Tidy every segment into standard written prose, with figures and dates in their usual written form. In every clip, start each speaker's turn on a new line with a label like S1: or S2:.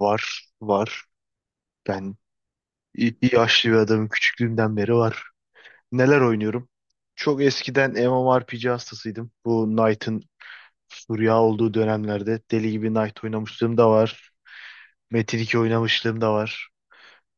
S1: Var, var. Ben i- yaşlı bir adamım. Küçüklüğümden beri var. Neler oynuyorum? Çok eskiden MMORPG hastasıydım. Bu Knight'ın furya olduğu dönemlerde deli gibi Knight oynamışlığım da var. Metin 2 oynamışlığım da var.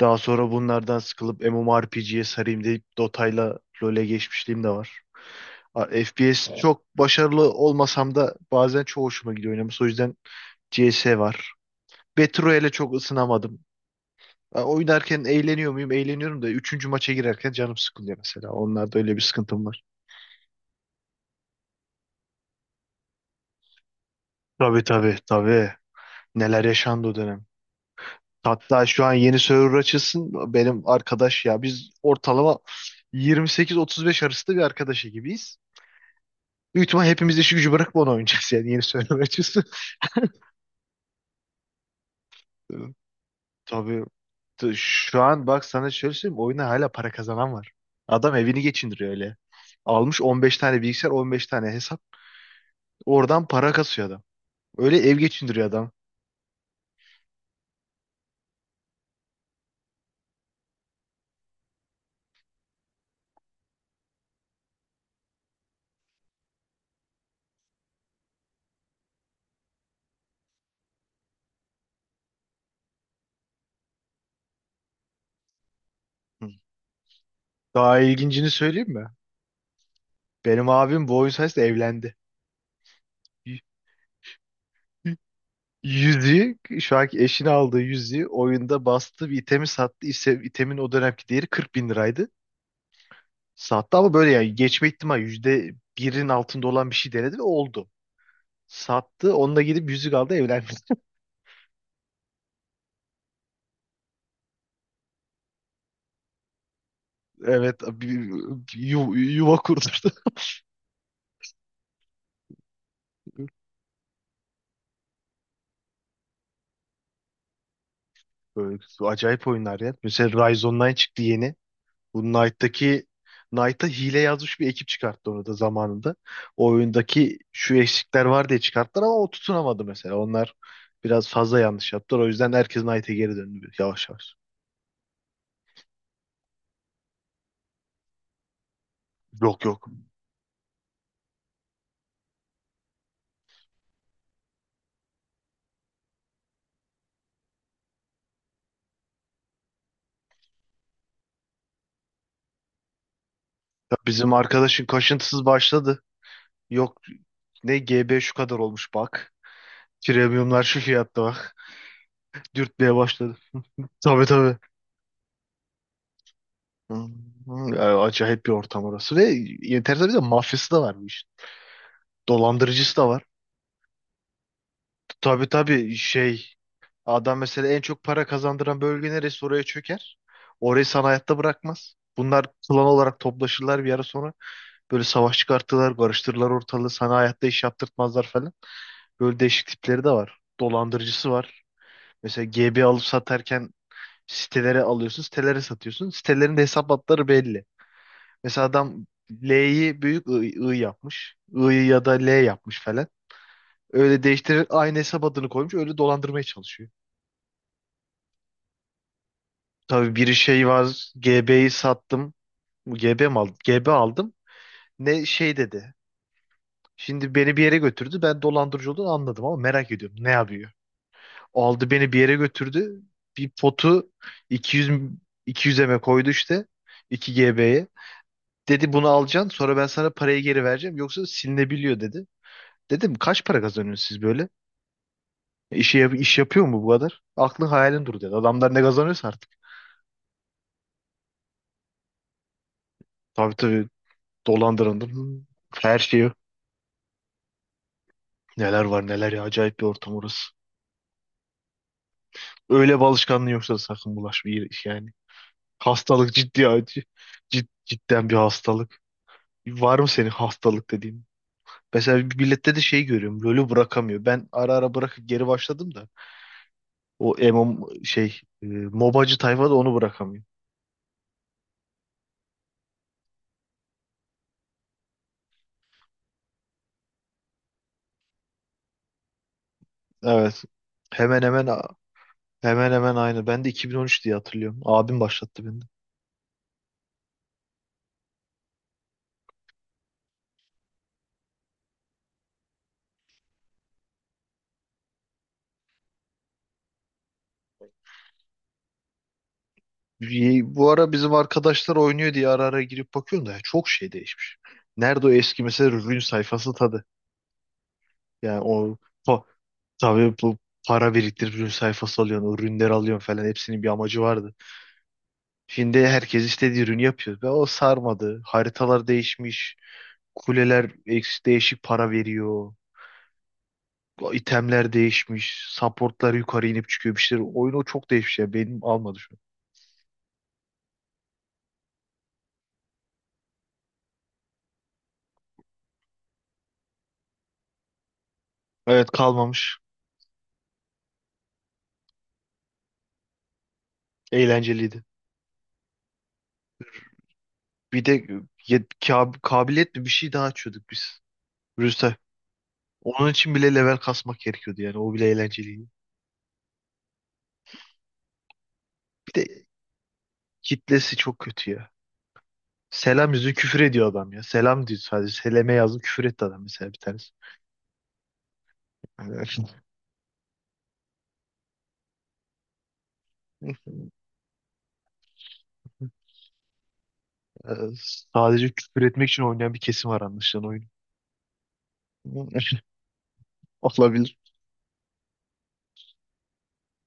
S1: Daha sonra bunlardan sıkılıp MMORPG'ye sarayım deyip Dota'yla LoL'e geçmişliğim de var. FPS çok başarılı olmasam da bazen çok hoşuma gidiyor oynaması. O yüzden CS var. Battle Royale'e çok ısınamadım. Ya, oynarken eğleniyor muyum? Eğleniyorum da üçüncü maça girerken canım sıkılıyor mesela. Onlarda öyle bir sıkıntım var. Tabii, tabii, tabii. Neler yaşandı o dönem. Hatta şu an yeni server açılsın, benim arkadaş ya biz ortalama 28-35 arasında bir arkadaş gibiyiz. Büyük ihtimal hepimiz işi gücü bırakıp onu oynayacağız yani, yeni server açılsın. Tabii, şu an bak sana şöyle söyleyeyim, oyuna hala para kazanan var. Adam evini geçindiriyor öyle. Almış 15 tane bilgisayar, 15 tane hesap, oradan para kasıyor adam. Öyle ev geçindiriyor adam. Hı. Daha ilgincini söyleyeyim mi? Benim abim bu oyun sayesinde evlendi. Yüzüğü, şu anki eşini aldığı yüzüğü, oyunda bastığı bir itemi sattı. İse, itemin o dönemki değeri 40 bin liraydı. Sattı ama böyle yani geçme ihtimali %1'in altında olan bir şey denedi ve oldu. Sattı. Onunla gidip yüzük aldı, evlendi. Evet, bir yuva kurdurdu. Böyle acayip oyunlar ya. Mesela Rise Online çıktı yeni. Bu Knight'taki Knight'a hile yazmış bir ekip çıkarttı onu da zamanında. O oyundaki şu eksikler var diye çıkarttılar ama o tutunamadı mesela. Onlar biraz fazla yanlış yaptılar. O yüzden herkes Knight'e geri döndü yavaş yavaş. Yok, yok. Ya, bizim arkadaşın kaşıntısız başladı. Yok, ne GB şu kadar olmuş bak. Premiumlar şu fiyatta bak. Dürtmeye başladı. Tabii, tabii. Hı, hı. Ya, acayip bir ortam orası. Ve enteresan, bir de mafyası da var bu işin. Dolandırıcısı da var. Tabii, tabii. Şey adam mesela en çok para kazandıran bölge neresi, oraya çöker. Orayı sana hayatta bırakmaz. Bunlar klan olarak toplaşırlar bir ara sonra. Böyle savaş çıkartırlar, karıştırırlar ortalığı. Sana hayatta iş yaptırtmazlar falan. Böyle değişik tipleri de var. Dolandırıcısı var. Mesela GB alıp satarken sitelere alıyorsun, sitelere satıyorsun. Sitelerin de hesap hatları belli. Mesela adam L'yi büyük I yapmış. I'yı ya da L yapmış falan. Öyle değiştirerek aynı hesap adını koymuş. Öyle dolandırmaya çalışıyor. Tabii, bir şey var. GB'yi sattım. Bu GB mi aldım? GB aldım. Ne şey dedi. Şimdi beni bir yere götürdü. Ben dolandırıcı olduğunu anladım ama merak ediyorum. Ne yapıyor? Aldı, beni bir yere götürdü. Bir potu 200 200'e mi koydu işte. 2 GB'ye. Dedi bunu alacaksın, sonra ben sana parayı geri vereceğim. Yoksa silinebiliyor dedi. Dedim, kaç para kazanıyorsunuz siz böyle? E, İşe, yap- iş yapıyor mu bu kadar? Aklın hayalin dur dedi. Adamlar ne kazanıyorsa artık. Tabii, tabii, dolandırıldım. Her şeyi Neler var neler ya, acayip bir ortam orası. Öyle bir alışkanlığın yoksa da sakın bulaşma yani. Hastalık ciddi acı. Cidden bir hastalık. Var mı senin hastalık dediğin? Mesela bir millette de şey görüyorum. LoL'ü bırakamıyor. Ben ara ara bırakıp geri başladım da. O MMO MOBA'cı tayfa da onu bırakamıyor. Evet. Hemen hemen hemen hemen aynı. Ben de 2013 diye hatırlıyorum. Abim başlattı beni. Bu ara bizim arkadaşlar oynuyor diye ara ara girip bakıyorum da ya çok şey değişmiş. Nerede o eski mesela ürün sayfası tadı? Yani, pa- tabii bu para biriktirip ürün sayfası alıyorsun, o ürünleri alıyorsun falan, hepsinin bir amacı vardı. Şimdi herkes istediği ürünü yapıyor ve o sarmadı. Haritalar değişmiş, kuleler değişik para veriyor, itemler değişmiş, supportlar yukarı inip çıkıyor bir şeyler. Oyunu çok değişmiş ya, benim almadı şu an. Evet, kalmamış, eğlenceliydi. Bir de kabiliyet mi, bir şey daha açıyorduk biz. Rüste. Onun için bile level kasmak gerekiyordu yani. O bile eğlenceliydi. Bir de kitlesi çok kötü ya. Selam yüzü küfür ediyor adam ya. Selam diyor sadece. Seleme yazdım, küfür etti adam mesela, bir tanesi. Yani, e, sadece küfür etmek için oynayan bir kesim var anlaşılan oyun. Olabilir.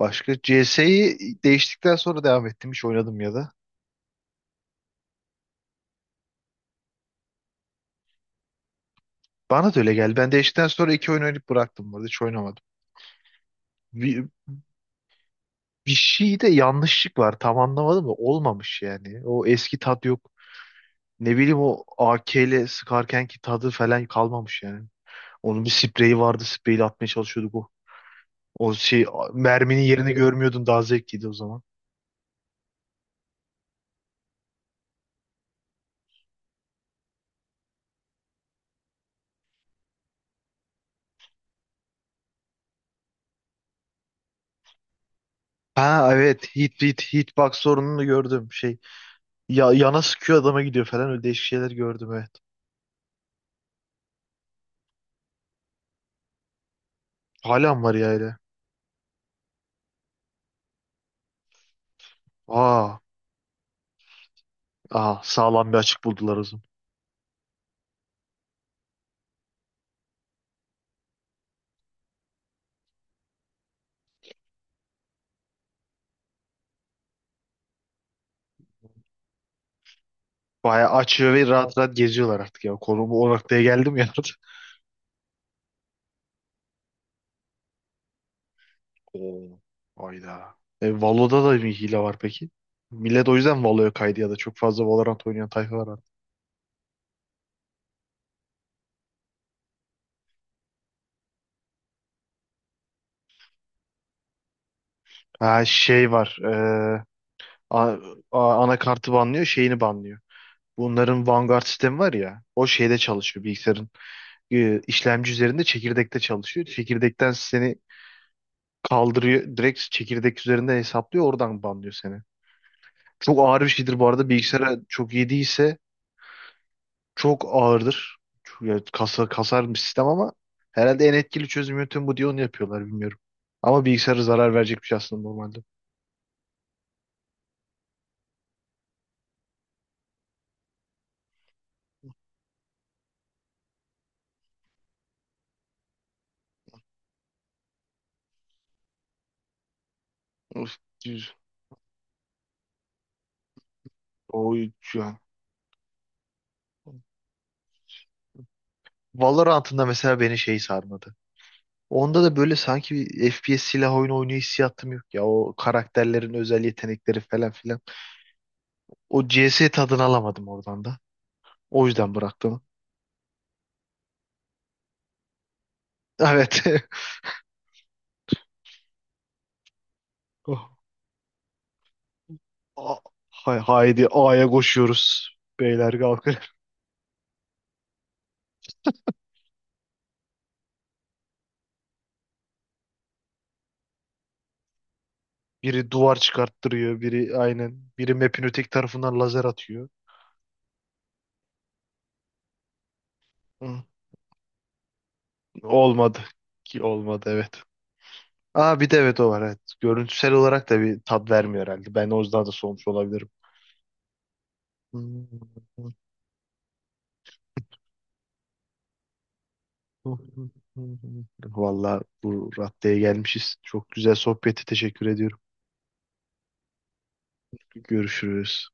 S1: Başka CS'yi değiştikten sonra devam ettim. Hiç oynadım ya da. Bana da öyle geldi. Ben değiştikten sonra iki oyun oynayıp bıraktım bu arada. Hiç oynamadım. Bir şeyde yanlışlık var. Tam anlamadım da olmamış yani. O eski tat yok. Ne bileyim o AK ile sıkarken ki tadı falan kalmamış yani. Onun bir spreyi vardı. Spreyle atmaya çalışıyorduk o. Merminin yerini görmüyordun, daha zevkliydi o zaman. Ha evet, hitbox sorununu gördüm, ya yana sıkıyor, adama gidiyor falan, öyle değişik şeyler gördüm evet. Hala mı var ya öyle? Aa, aa, sağlam bir açık buldular o zaman. Bayağı açıyor ve rahat rahat geziyorlar artık ya. Konu bu, o noktaya geldim ya. Oo. Hayda. Valo'da da bir hile var peki. Millet o yüzden Valo'ya kaydı ya da çok fazla Valorant oynayan tayfa var artık. Ha, şey var. A- Anakartı banlıyor, şeyini banlıyor. Bunların Vanguard sistemi var ya. O şeyde çalışıyor bilgisayarın. İşlemci üzerinde çekirdekte çalışıyor. Çekirdekten seni kaldırıyor. Direkt çekirdek üzerinde hesaplıyor. Oradan banlıyor seni. Çok ağır bir şeydir bu arada. Bilgisayara çok iyi değilse. Çok ağırdır. Ya, kasar bir sistem ama herhalde en etkili çözüm yöntemi bu diye onu yapıyorlar, bilmiyorum. Ama bilgisayara zarar verecek bir şey aslında normalde. Of, düz. O şu an. Valorant'ında mesela beni şey sarmadı. Onda da böyle sanki bir FPS silah oyunu oynuyor hissiyatım yok ya. O karakterlerin özel yetenekleri falan filan. O CS tadını alamadım oradan da. O yüzden bıraktım. Evet. Oh. Ah, Haydi A'ya koşuyoruz. Beyler kalkın. Biri duvar çıkarttırıyor, biri aynen. Biri map'in öteki tarafından lazer atıyor. Hı. Olmadı. Ki olmadı evet. Aa, bir de evet o var evet. Görüntüsel olarak da bir tat vermiyor herhalde. Ben o yüzden de soğumuş olabilirim. Vallahi bu raddeye gelmişiz. Çok güzel sohbeti teşekkür ediyorum. Görüşürüz.